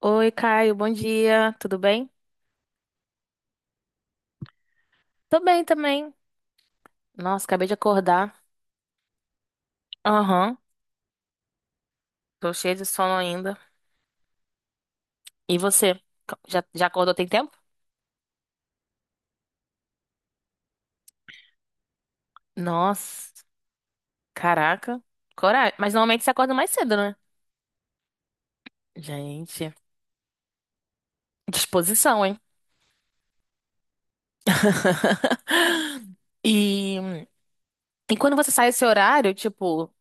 Oi, Caio, bom dia, tudo bem? Tô bem também. Nossa, acabei de acordar. Aham, tô cheia de sono ainda. E você? Já acordou tem tempo? Nossa, caraca, coragem. Mas normalmente você acorda mais cedo, né? Gente, disposição, hein? E, e quando você sai esse horário, tipo,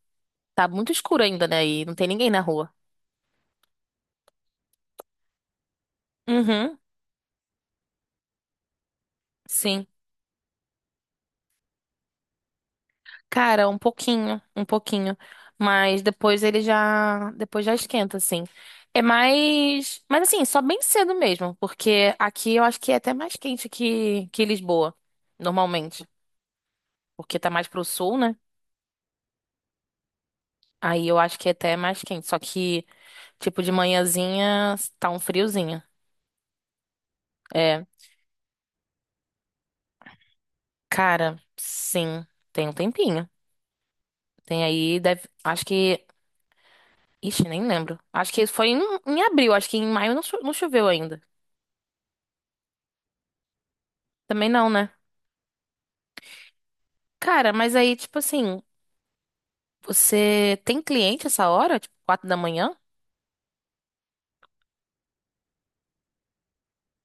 tá muito escuro ainda, né? E não tem ninguém na rua. Uhum, sim. Cara, um pouquinho, mas depois ele já, depois já esquenta assim. É mais, mas assim, só bem cedo mesmo, porque aqui eu acho que é até mais quente que Lisboa, normalmente, porque tá mais pro sul, né? Aí eu acho que é até mais quente, só que tipo de manhãzinha tá um friozinho. É, cara, sim, tem um tempinho. Tem aí, deve, acho que, ixi, nem lembro. Acho que foi em, abril, acho que em maio não choveu ainda. Também não, né? Cara, mas aí, tipo assim, você tem cliente essa hora? Tipo, 4 da manhã?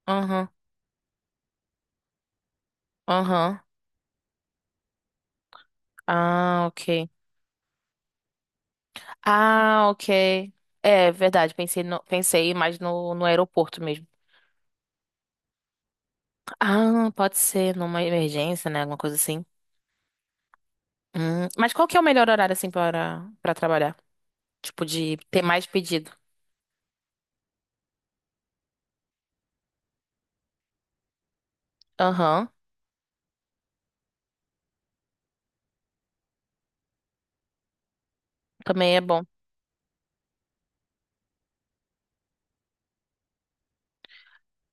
Aham, aham. Ah, ok. Ah, ok. É verdade, pensei mais no, aeroporto mesmo. Ah, pode ser numa emergência, né? Alguma coisa assim. Mas qual que é o melhor horário, assim, para, trabalhar? Tipo, de ter mais pedido. Aham, também é bom.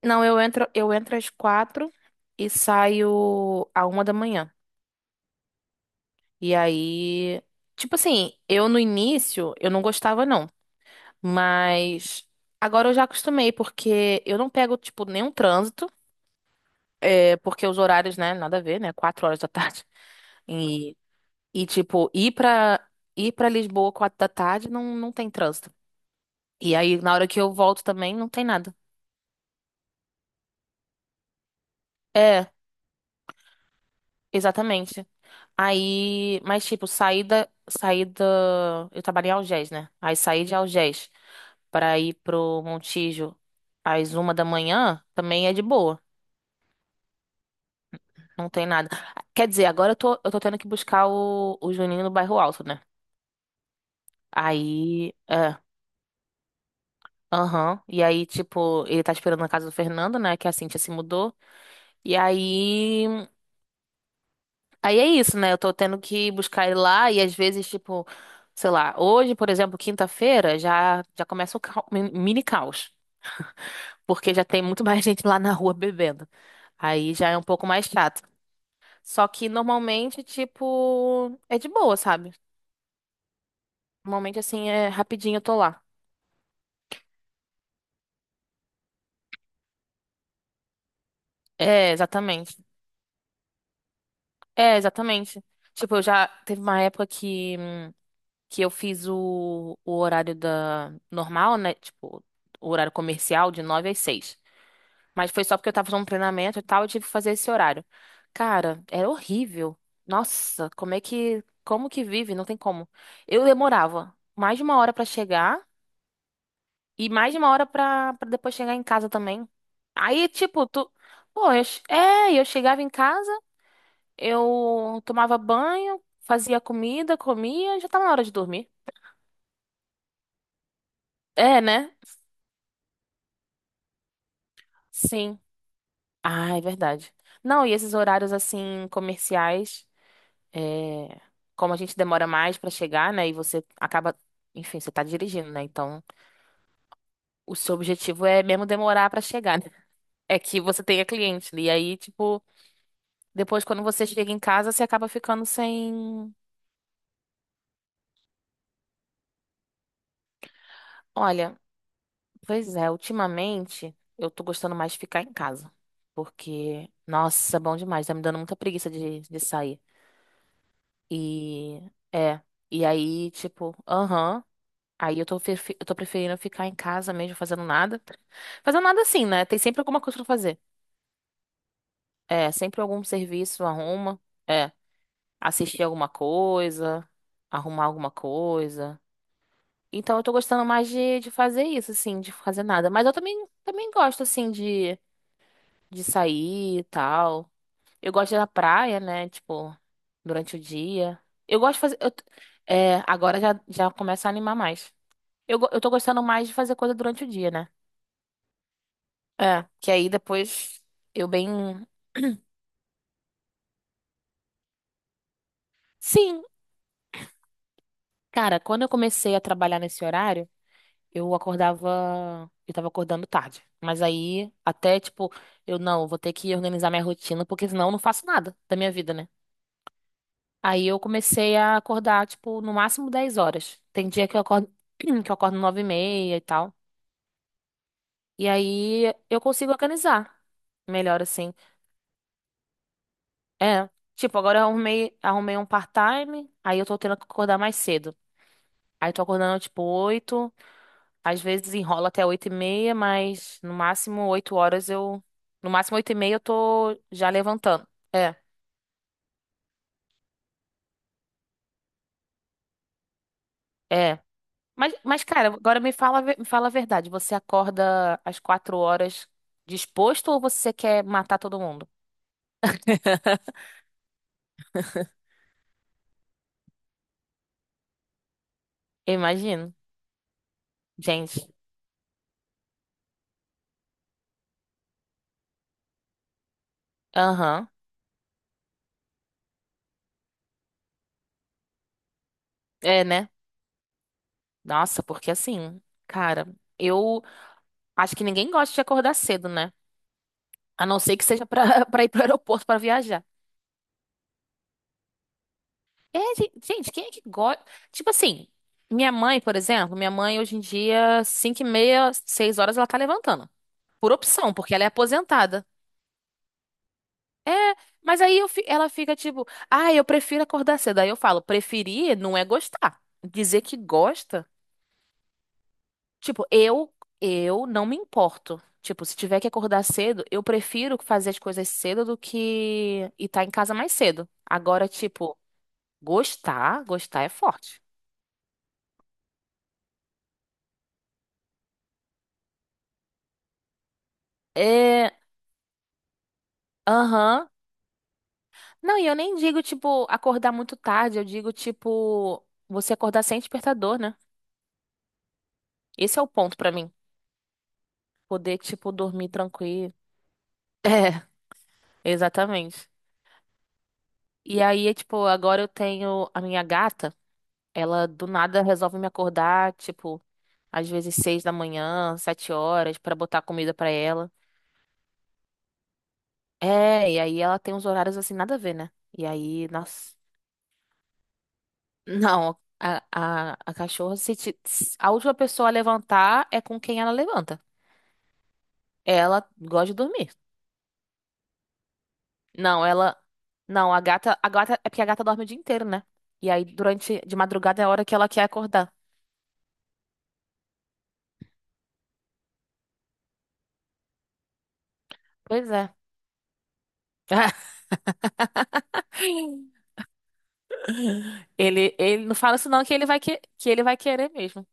Não, eu entro às 4 e saio à 1 da manhã. E aí, tipo assim, eu no início eu não gostava não, mas agora eu já acostumei porque eu não pego tipo nenhum trânsito, é, porque os horários, né, nada a ver, né, 4 horas da tarde. E, e tipo, ir pra ir para Lisboa 4 da tarde não tem trânsito. E aí na hora que eu volto também não tem nada. É, exatamente. Aí, mas tipo, saída, saída, eu trabalhei em Algés, né? Aí saí de Algés pra ir pro Montijo às 1 da manhã, também é de boa, não tem nada. Quer dizer, agora eu tô, tendo que buscar o Juninho no bairro Alto, né? Aí, é, aham, e aí, tipo, ele tá esperando na casa do Fernando, né? Que a Cintia se mudou, e aí Aí é isso, né? Eu tô tendo que buscar ele lá e às vezes, tipo, sei lá, hoje, por exemplo, quinta-feira, já começa o mini caos, porque já tem muito mais gente lá na rua bebendo. Aí já é um pouco mais chato. Só que normalmente, tipo, é de boa, sabe? Normalmente assim é rapidinho eu tô lá. É, exatamente. É, exatamente. Tipo, eu já teve uma época que eu fiz o, horário da normal, né? Tipo, o horário comercial de 9 às 6. Mas foi só porque eu tava fazendo um treinamento e tal, eu tive que fazer esse horário. Cara, era horrível. Nossa, como é que. Como que vive? Não tem como. Eu demorava mais de uma hora pra chegar e mais de uma hora pra depois chegar em casa também. Aí, tipo, tu. Pô, eu chegava em casa, eu tomava banho, fazia comida, comia, já tava na hora de dormir. É, né? Sim. Ah, é verdade. Não, e esses horários assim, comerciais. É, como a gente demora mais pra chegar, né? E você acaba, enfim, você tá dirigindo, né? Então, o seu objetivo é mesmo demorar pra chegar, né? É que você tenha cliente, né? E aí, tipo, depois quando você chega em casa, você acaba ficando sem. Olha, pois é, ultimamente eu tô gostando mais de ficar em casa. Porque, nossa, bom demais, tá me dando muita preguiça de, sair. E, é. E aí, tipo, aham. Aí eu tô preferindo ficar em casa mesmo, fazendo nada. Fazendo nada assim, né? Tem sempre alguma coisa pra fazer. É, sempre algum serviço, arruma. É, assistir alguma coisa, arrumar alguma coisa. Então eu tô gostando mais de, fazer isso, assim, de fazer nada. Mas eu também, gosto, assim, de sair e tal. Eu gosto de ir na praia, né? Tipo, durante o dia. Eu gosto de fazer. Agora já começa a animar mais. Eu tô gostando mais de fazer coisa durante o dia, né? É, que aí depois eu bem. Sim, cara, quando eu comecei a trabalhar nesse horário, eu acordava. Eu tava acordando tarde. Mas aí, até tipo, eu não, vou ter que organizar minha rotina, porque senão eu não faço nada da minha vida, né? Aí eu comecei a acordar, tipo, no máximo 10 horas. Tem dia que eu acordo, que eu acordo 9 e meia e tal. E aí eu consigo organizar melhor assim. É, tipo, agora eu arrumei, um part-time, aí eu tô tendo que acordar mais cedo. Aí tô acordando tipo 8, às vezes enrola até 8 e meia, mas no máximo 8 horas eu. No máximo 8 e meia eu tô já levantando. É, é. mas, cara, agora me fala, me fala a verdade. Você acorda às 4 horas disposto ou você quer matar todo mundo? Eu imagino. Gente, aham. É, né? Nossa, porque assim, cara, eu acho que ninguém gosta de acordar cedo, né? A não ser que seja pra, pra ir pro aeroporto pra viajar. É, gente, quem é que gosta? Tipo assim, minha mãe, por exemplo, minha mãe hoje em dia, 5 e meia, 6 horas, ela tá levantando. Por opção, porque ela é aposentada. É, mas aí ela fica tipo, ah, eu prefiro acordar cedo. Aí eu falo, preferir não é gostar. Dizer que gosta, tipo, eu, não me importo. Tipo, se tiver que acordar cedo, eu prefiro fazer as coisas cedo do que estar em casa mais cedo. Agora, tipo, gostar, gostar é forte. É, aham. Não, e eu nem digo, tipo, acordar muito tarde, eu digo, tipo, você acordar sem despertador, né? Esse é o ponto pra mim. Poder, tipo, dormir tranquilo. É, exatamente. E aí, tipo, agora eu tenho a minha gata, ela do nada resolve me acordar, tipo, às vezes 6 da manhã, 7 horas, pra botar comida pra ela. É, e aí ela tem uns horários assim, nada a ver, né? E aí, nossa. Não, a, a cachorra, se a última pessoa a levantar é com quem ela levanta. Ela gosta de dormir. Não, ela. Não, a gata. A gata. É porque a gata dorme o dia inteiro, né? E aí, durante. De madrugada é a hora que ela quer acordar. Pois é. Ele não fala isso, não, que ele vai, que ele vai querer mesmo.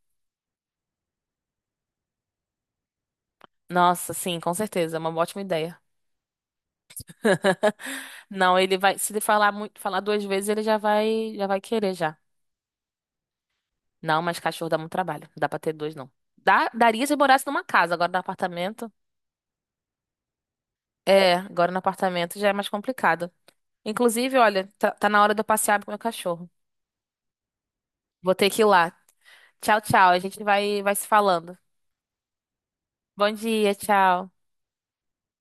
Nossa, sim, com certeza. É uma ótima ideia. Não, ele vai. Se ele falar muito, falar duas vezes, ele já vai querer já. Não, mas cachorro dá muito trabalho. Não dá pra ter dois, não. Dá, daria se morasse numa casa, agora no apartamento. É, agora no apartamento já é mais complicado. Inclusive, olha, tá na hora de eu passear com o meu cachorro. Vou ter que ir lá. Tchau, tchau. A gente vai se falando. Bom dia, tchau.